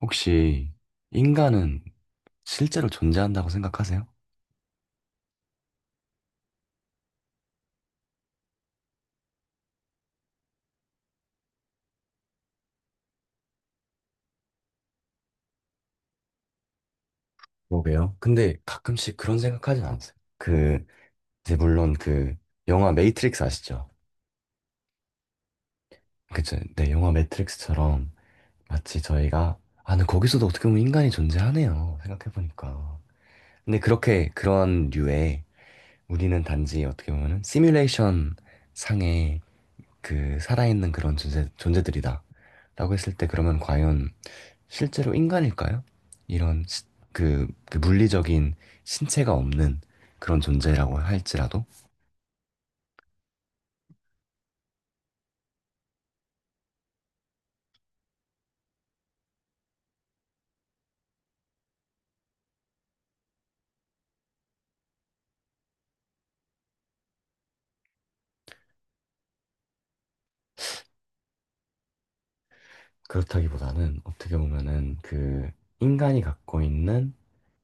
혹시 인간은 실제로 존재한다고 생각하세요? 그러게요. 근데 가끔씩 그런 생각하진 않으세요? 그, 이제 물론 그 영화 매트릭스 아시죠? 그쵸? 네, 영화 매트릭스처럼 마치 저희가, 아, 근데 거기서도 어떻게 보면 인간이 존재하네요. 생각해보니까. 근데 그렇게 그런 류의, 우리는 단지 어떻게 보면은 시뮬레이션 상의 그 살아있는 그런 존재, 존재들이다라고 했을 때 그러면 과연 실제로 인간일까요? 이런 시- 그 물리적인 신체가 없는 그런 존재라고 할지라도. 그렇다기보다는 어떻게 보면은 그 인간이 갖고 있는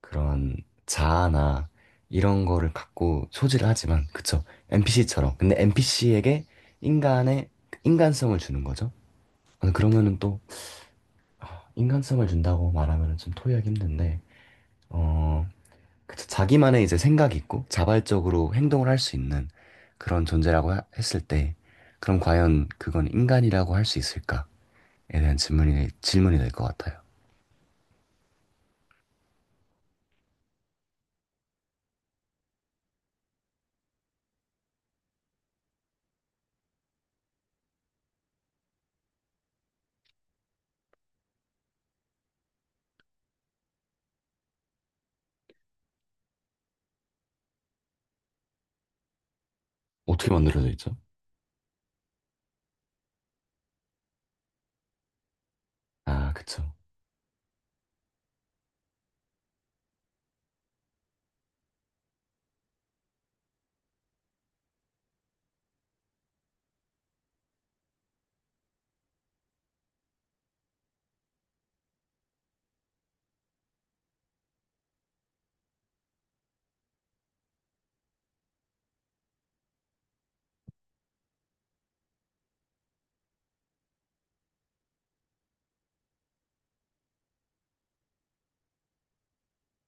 그런 자아나 이런 거를 갖고 소지를 하지만, 그쵸, NPC처럼. 근데 NPC에게 인간의 인간성을 주는 거죠. 아, 그러면은 또, 아, 인간성을 준다고 말하면은 좀 토의하기 힘든데 어 그쵸. 자기만의 이제 생각이 있고 자발적으로 행동을 할 수 있는 그런 존재라고 했을 때, 그럼 과연 그건 인간이라고 할 수 있을까에 대한 질문이 될 것 같아요. 어떻게 만들어져 있죠? 아, 그쵸.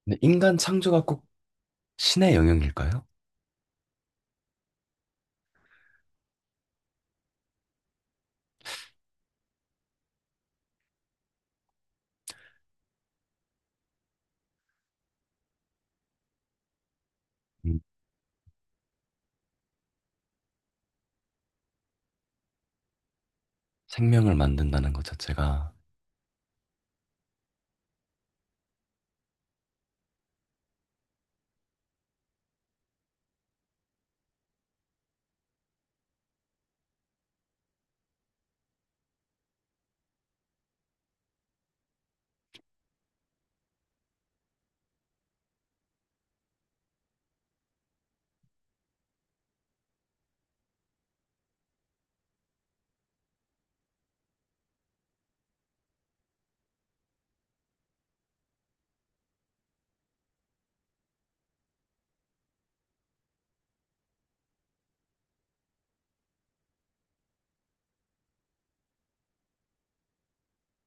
근데 인간 창조가 꼭 신의 영역일까요? 음, 생명을 만든다는 것 자체가.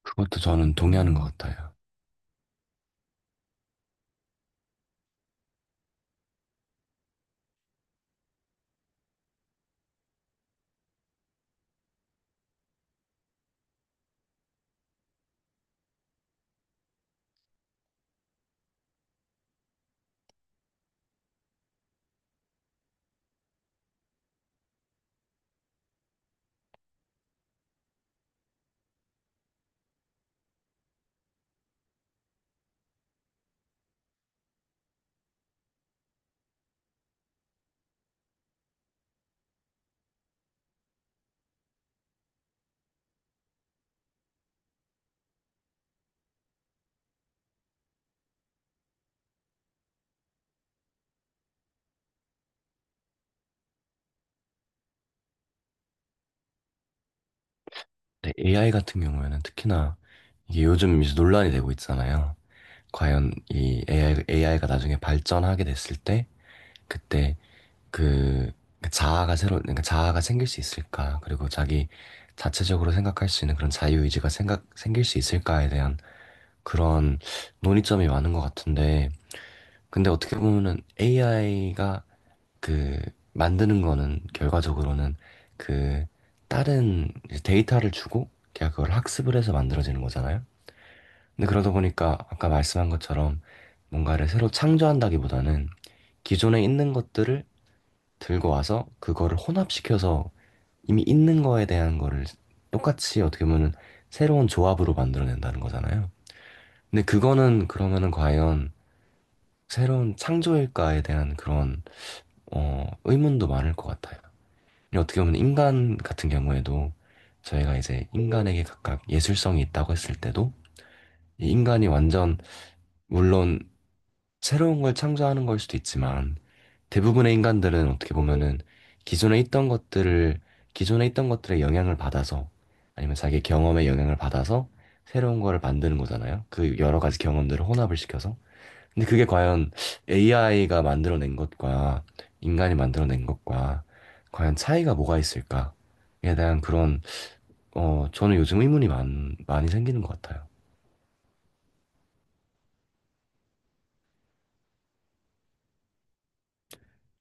그것도 저는 동의하는 것 같아요. 근데 AI 같은 경우에는 특히나 이게 요즘 이제 논란이 되고 있잖아요. 과연 이 AI가 나중에 발전하게 됐을 때, 그때 그 그러니까 자아가 생길 수 있을까? 그리고 자기 자체적으로 생각할 수 있는 그런 자유의지가 생각 생길 수 있을까에 대한 그런 논의점이 많은 것 같은데, 근데 어떻게 보면은 AI가 그 만드는 거는 결과적으로는 그 다른 이제 데이터를 주고 걔가 그걸 학습을 해서 만들어지는 거잖아요. 근데 그러다 보니까 아까 말씀한 것처럼 뭔가를 새로 창조한다기보다는 기존에 있는 것들을 들고 와서 그거를 혼합시켜서 이미 있는 거에 대한 거를 똑같이 어떻게 보면은 새로운 조합으로 만들어낸다는 거잖아요. 근데 그거는 그러면은 과연 새로운 창조일까에 대한 그런, 의문도 많을 것 같아요. 근데 어떻게 보면 인간 같은 경우에도, 저희가 이제 인간에게 각각 예술성이 있다고 했을 때도, 이 인간이 완전, 물론 새로운 걸 창조하는 걸 수도 있지만 대부분의 인간들은 어떻게 보면은 기존에 있던 것들을, 기존에 있던 것들의 영향을 받아서, 아니면 자기 경험의 영향을 받아서 새로운 거를 만드는 거잖아요. 그 여러 가지 경험들을 혼합을 시켜서. 근데 그게 과연 AI가 만들어낸 것과 인간이 만들어낸 것과 과연 차이가 뭐가 있을까에 대한 그런, 저는 요즘 의문이 많이 생기는 것 같아요.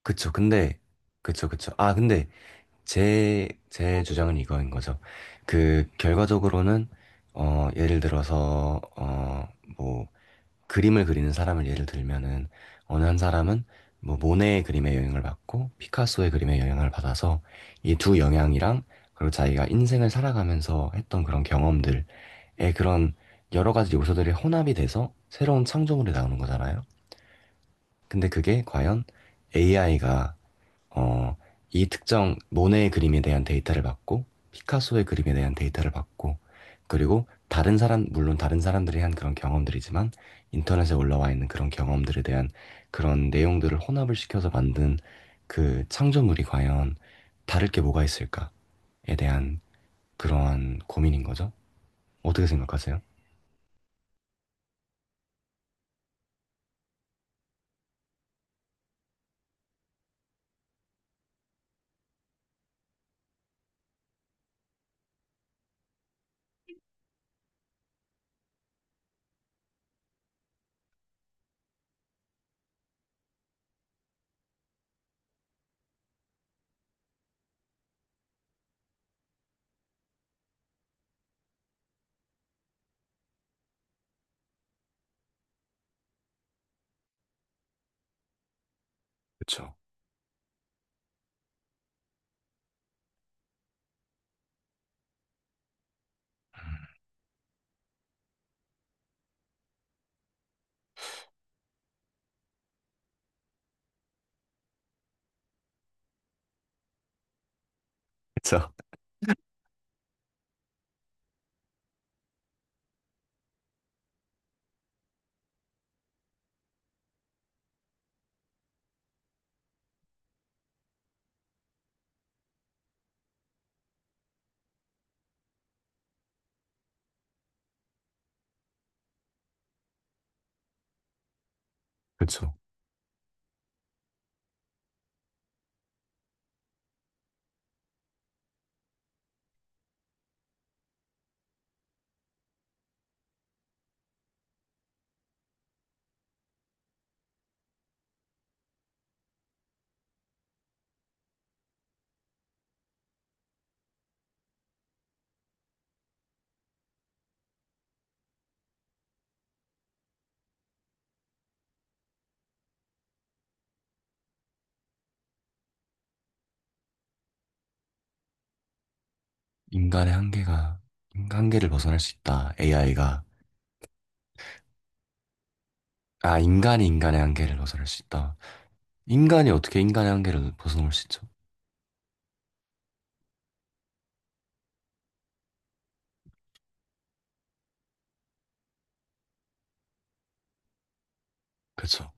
그쵸. 근데, 그쵸, 그쵸. 아, 근데 제 주장은 이거인 거죠. 결과적으로는, 예를 들어서, 뭐, 그림을 그리는 사람을 예를 들면은, 어느 한 사람은, 뭐, 모네의 그림에 영향을 받고, 피카소의 그림에 영향을 받아서, 이 두 영향이랑, 그리고 자기가 인생을 살아가면서 했던 그런 경험들의 그런 여러 가지 요소들이 혼합이 돼서 새로운 창조물이 나오는 거잖아요. 근데 그게 과연 AI가, 어, 이 특정 모네의 그림에 대한 데이터를 받고, 피카소의 그림에 대한 데이터를 받고, 그리고 다른 사람 물론 다른 사람들이 한 그런 경험들이지만 인터넷에 올라와 있는 그런 경험들에 대한 그런 내용들을 혼합을 시켜서 만든 그 창조물이 과연 다를 게 뭐가 있을까에 대한 그러한 고민인 거죠. 어떻게 생각하세요? 그쵸. 그쵸. 그쵸. 인간의 한계가 인간 한계를 벗어날 수 있다. AI가. 아, 인간이 인간의 한계를 벗어날 수 있다. 인간이 어떻게 인간의 한계를 벗어넘을 수 있죠? 그쵸.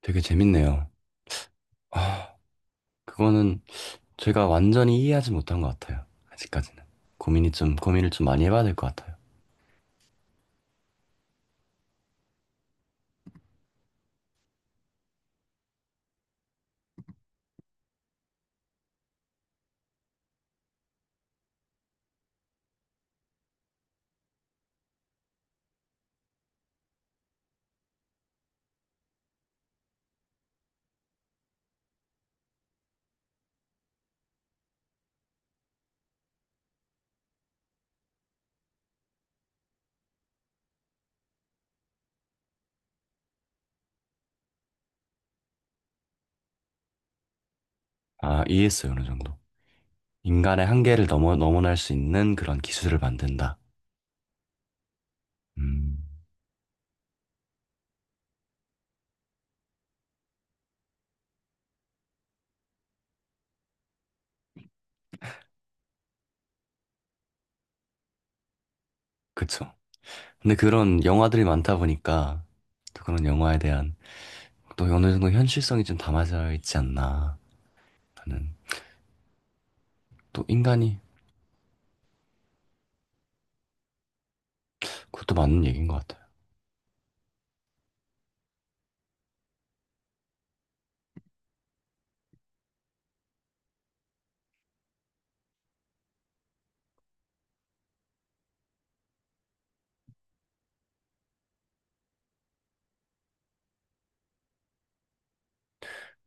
되게 재밌네요. 아, 그거는 제가 완전히 이해하지 못한 것 같아요. 아직까지는. 고민을 좀 많이 해봐야 될 것 같아요. 아, 이해했어요. 어느 정도. 인간의 한계를 넘어날 수 있는 그런 기술을 만든다. 음, 그쵸. 근데 그런 영화들이 많다 보니까, 또 그런 영화에 대한 또 어느 정도 현실성이 좀 담아져 있지 않나 하는. 또 인간이, 그것도 맞는 얘기인 것 같아요.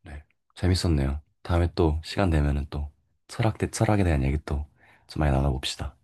네. 재밌었네요. 다음에 또 시간 되면은 또 철학 대 철학에 대한 얘기 또 좀 많이 나눠봅시다.